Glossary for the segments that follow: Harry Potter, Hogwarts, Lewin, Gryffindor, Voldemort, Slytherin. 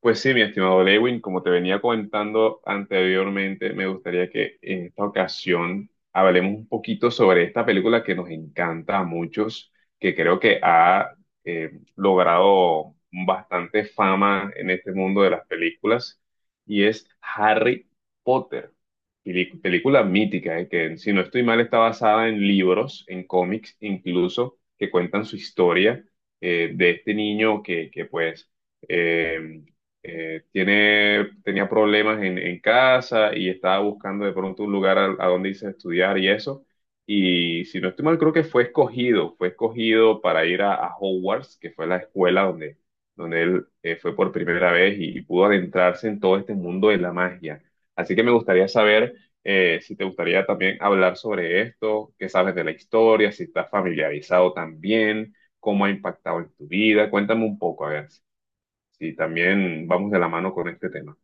Pues sí, mi estimado Lewin, como te venía comentando anteriormente, me gustaría que en esta ocasión hablemos un poquito sobre esta película que nos encanta a muchos, que creo que ha logrado bastante fama en este mundo de las películas, y es Harry Potter, película mítica, que si no estoy mal está basada en libros, en cómics incluso, que cuentan su historia de este niño que pues... em, tenía problemas en casa y estaba buscando de pronto un lugar a donde irse a estudiar y eso. Y si no estoy mal, creo que fue escogido para ir a Hogwarts, que fue la escuela donde él fue por primera vez y pudo adentrarse en todo este mundo de la magia. Así que me gustaría saber si te gustaría también hablar sobre esto, qué sabes de la historia, si estás familiarizado también, cómo ha impactado en tu vida. Cuéntame un poco, a ver. Sí, también vamos de la mano con este tema.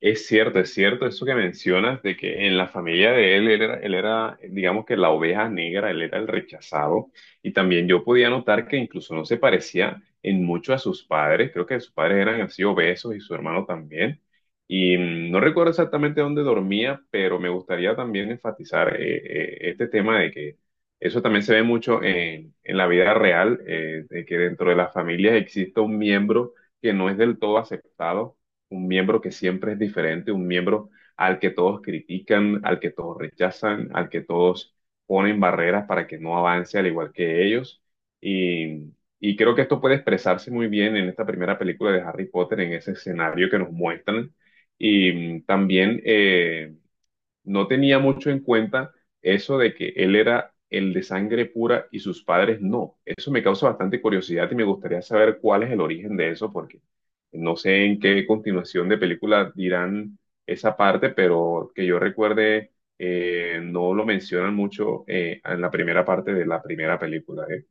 Es cierto eso que mencionas de que en la familia de él, él era, digamos que la oveja negra, él era el rechazado. Y también yo podía notar que incluso no se parecía en mucho a sus padres. Creo que sus padres eran así obesos y su hermano también. Y no recuerdo exactamente dónde dormía, pero me gustaría también enfatizar este tema de que eso también se ve mucho en la vida real, de que dentro de las familias existe un miembro que no es del todo aceptado, un miembro que siempre es diferente, un miembro al que todos critican, al que todos rechazan, al que todos ponen barreras para que no avance al igual que ellos. Y, y creo que esto puede expresarse muy bien en esta primera película de Harry Potter, en ese escenario que nos muestran. Y también... no tenía mucho en cuenta eso de que él era el de sangre pura y sus padres no. Eso me causa bastante curiosidad y me gustaría saber cuál es el origen de eso, porque no sé en qué continuación de película dirán esa parte, pero que yo recuerde, no lo mencionan mucho en la primera parte de la primera película, ¿eh?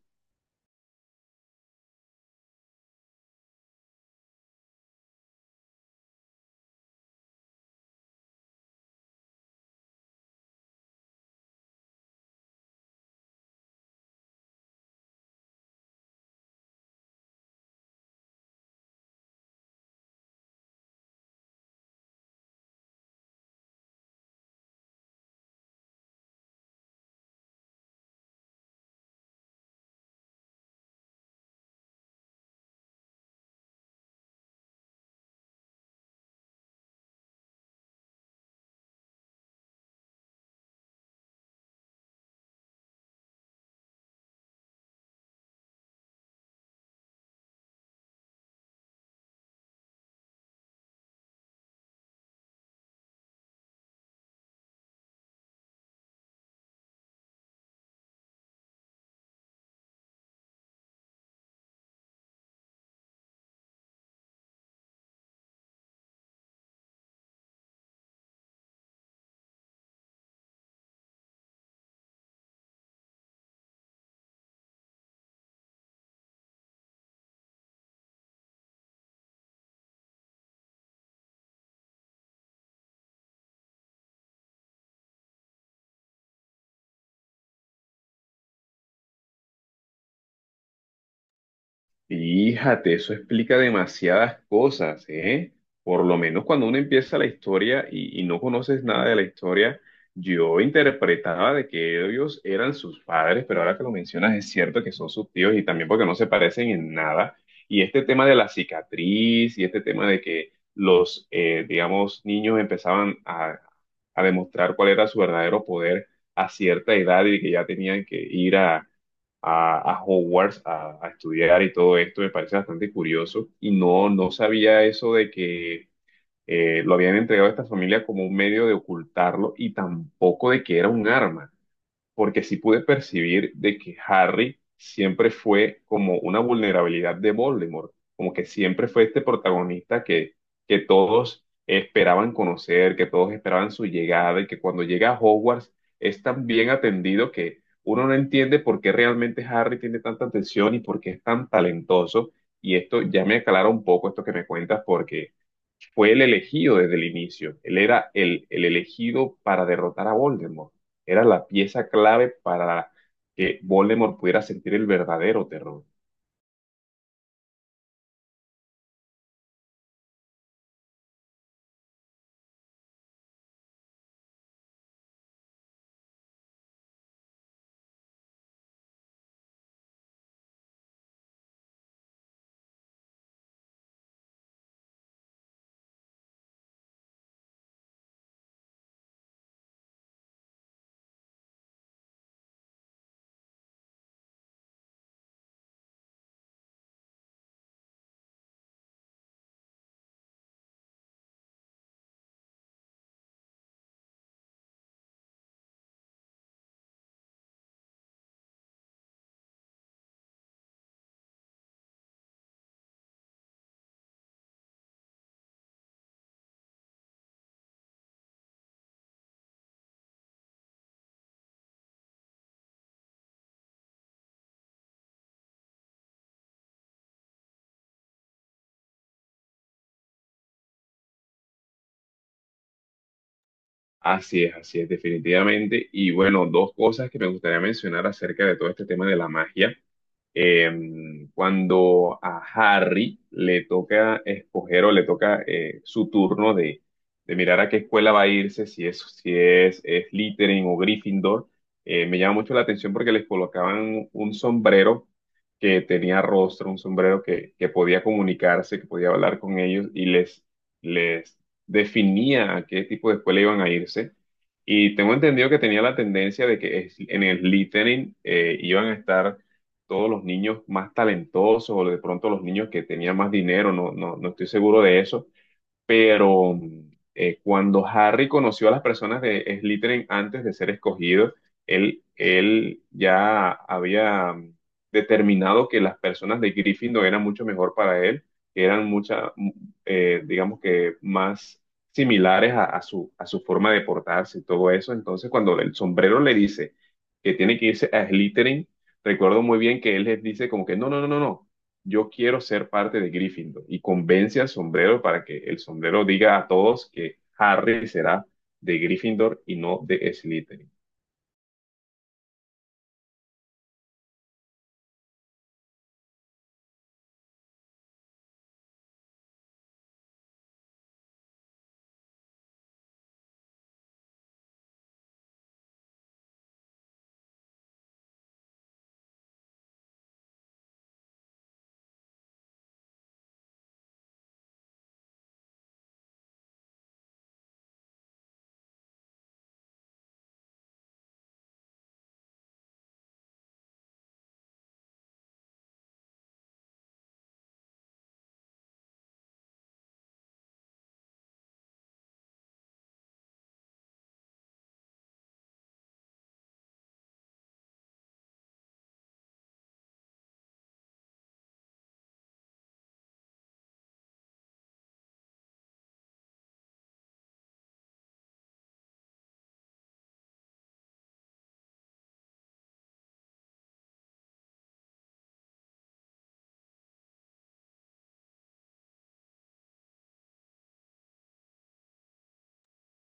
Fíjate, eso explica demasiadas cosas, ¿eh? Por lo menos cuando uno empieza la historia y no conoces nada de la historia, yo interpretaba de que ellos eran sus padres, pero ahora que lo mencionas es cierto que son sus tíos y también porque no se parecen en nada. Y este tema de la cicatriz y este tema de que los, digamos, niños empezaban a demostrar cuál era su verdadero poder a cierta edad y que ya tenían que ir a a Hogwarts a estudiar y todo esto, me parece bastante curioso. Y no, no sabía eso de que lo habían entregado a esta familia como un medio de ocultarlo y tampoco de que era un arma porque sí pude percibir de que Harry siempre fue como una vulnerabilidad de Voldemort, como que siempre fue este protagonista que todos esperaban conocer, que todos esperaban su llegada y que cuando llega a Hogwarts es tan bien atendido que uno no entiende por qué realmente Harry tiene tanta atención y por qué es tan talentoso. Y esto ya me aclara un poco esto que me cuentas porque fue el elegido desde el inicio. Él era el elegido para derrotar a Voldemort. Era la pieza clave para que Voldemort pudiera sentir el verdadero terror. Así es, definitivamente. Y bueno, dos cosas que me gustaría mencionar acerca de todo este tema de la magia. Eh, cuando a Harry le toca escoger o le toca su turno de mirar a qué escuela va a irse, si es, si es, es Slytherin o Gryffindor, me llama mucho la atención porque les colocaban un sombrero que tenía rostro, un sombrero que podía comunicarse, que podía hablar con ellos y les definía a qué tipo de escuela iban a irse. Y tengo entendido que tenía la tendencia de que en el Slytherin iban a estar todos los niños más talentosos o de pronto los niños que tenían más dinero, no, no, no estoy seguro de eso, pero cuando Harry conoció a las personas de Slytherin antes de ser escogido, él ya había determinado que las personas de Gryffindor eran mucho mejor para él, que eran muchas, digamos que más similares a a su forma de portarse y todo eso. Entonces, cuando el sombrero le dice que tiene que irse a Slytherin, recuerdo muy bien que él les dice como que no, no, no, no, no, yo quiero ser parte de Gryffindor y convence al sombrero para que el sombrero diga a todos que Harry será de Gryffindor y no de Slytherin.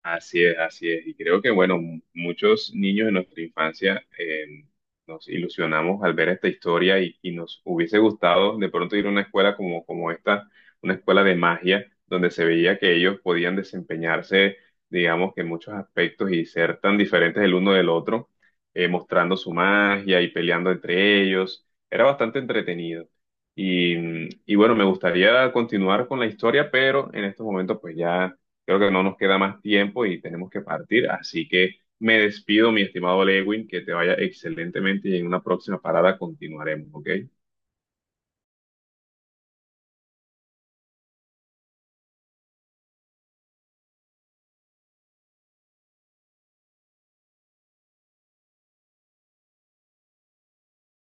Así es, así es. Y creo que, bueno, muchos niños en nuestra infancia nos ilusionamos al ver esta historia y nos hubiese gustado de pronto ir a una escuela como esta, una escuela de magia, donde se veía que ellos podían desempeñarse, digamos que en muchos aspectos y ser tan diferentes el uno del otro, mostrando su magia y peleando entre ellos. Era bastante entretenido. Y, y bueno, me gustaría continuar con la historia, pero en estos momentos pues ya creo que no nos queda más tiempo y tenemos que partir, así que me despido, mi estimado Lewin, que te vaya excelentemente y en una próxima parada continuaremos, ¿ok?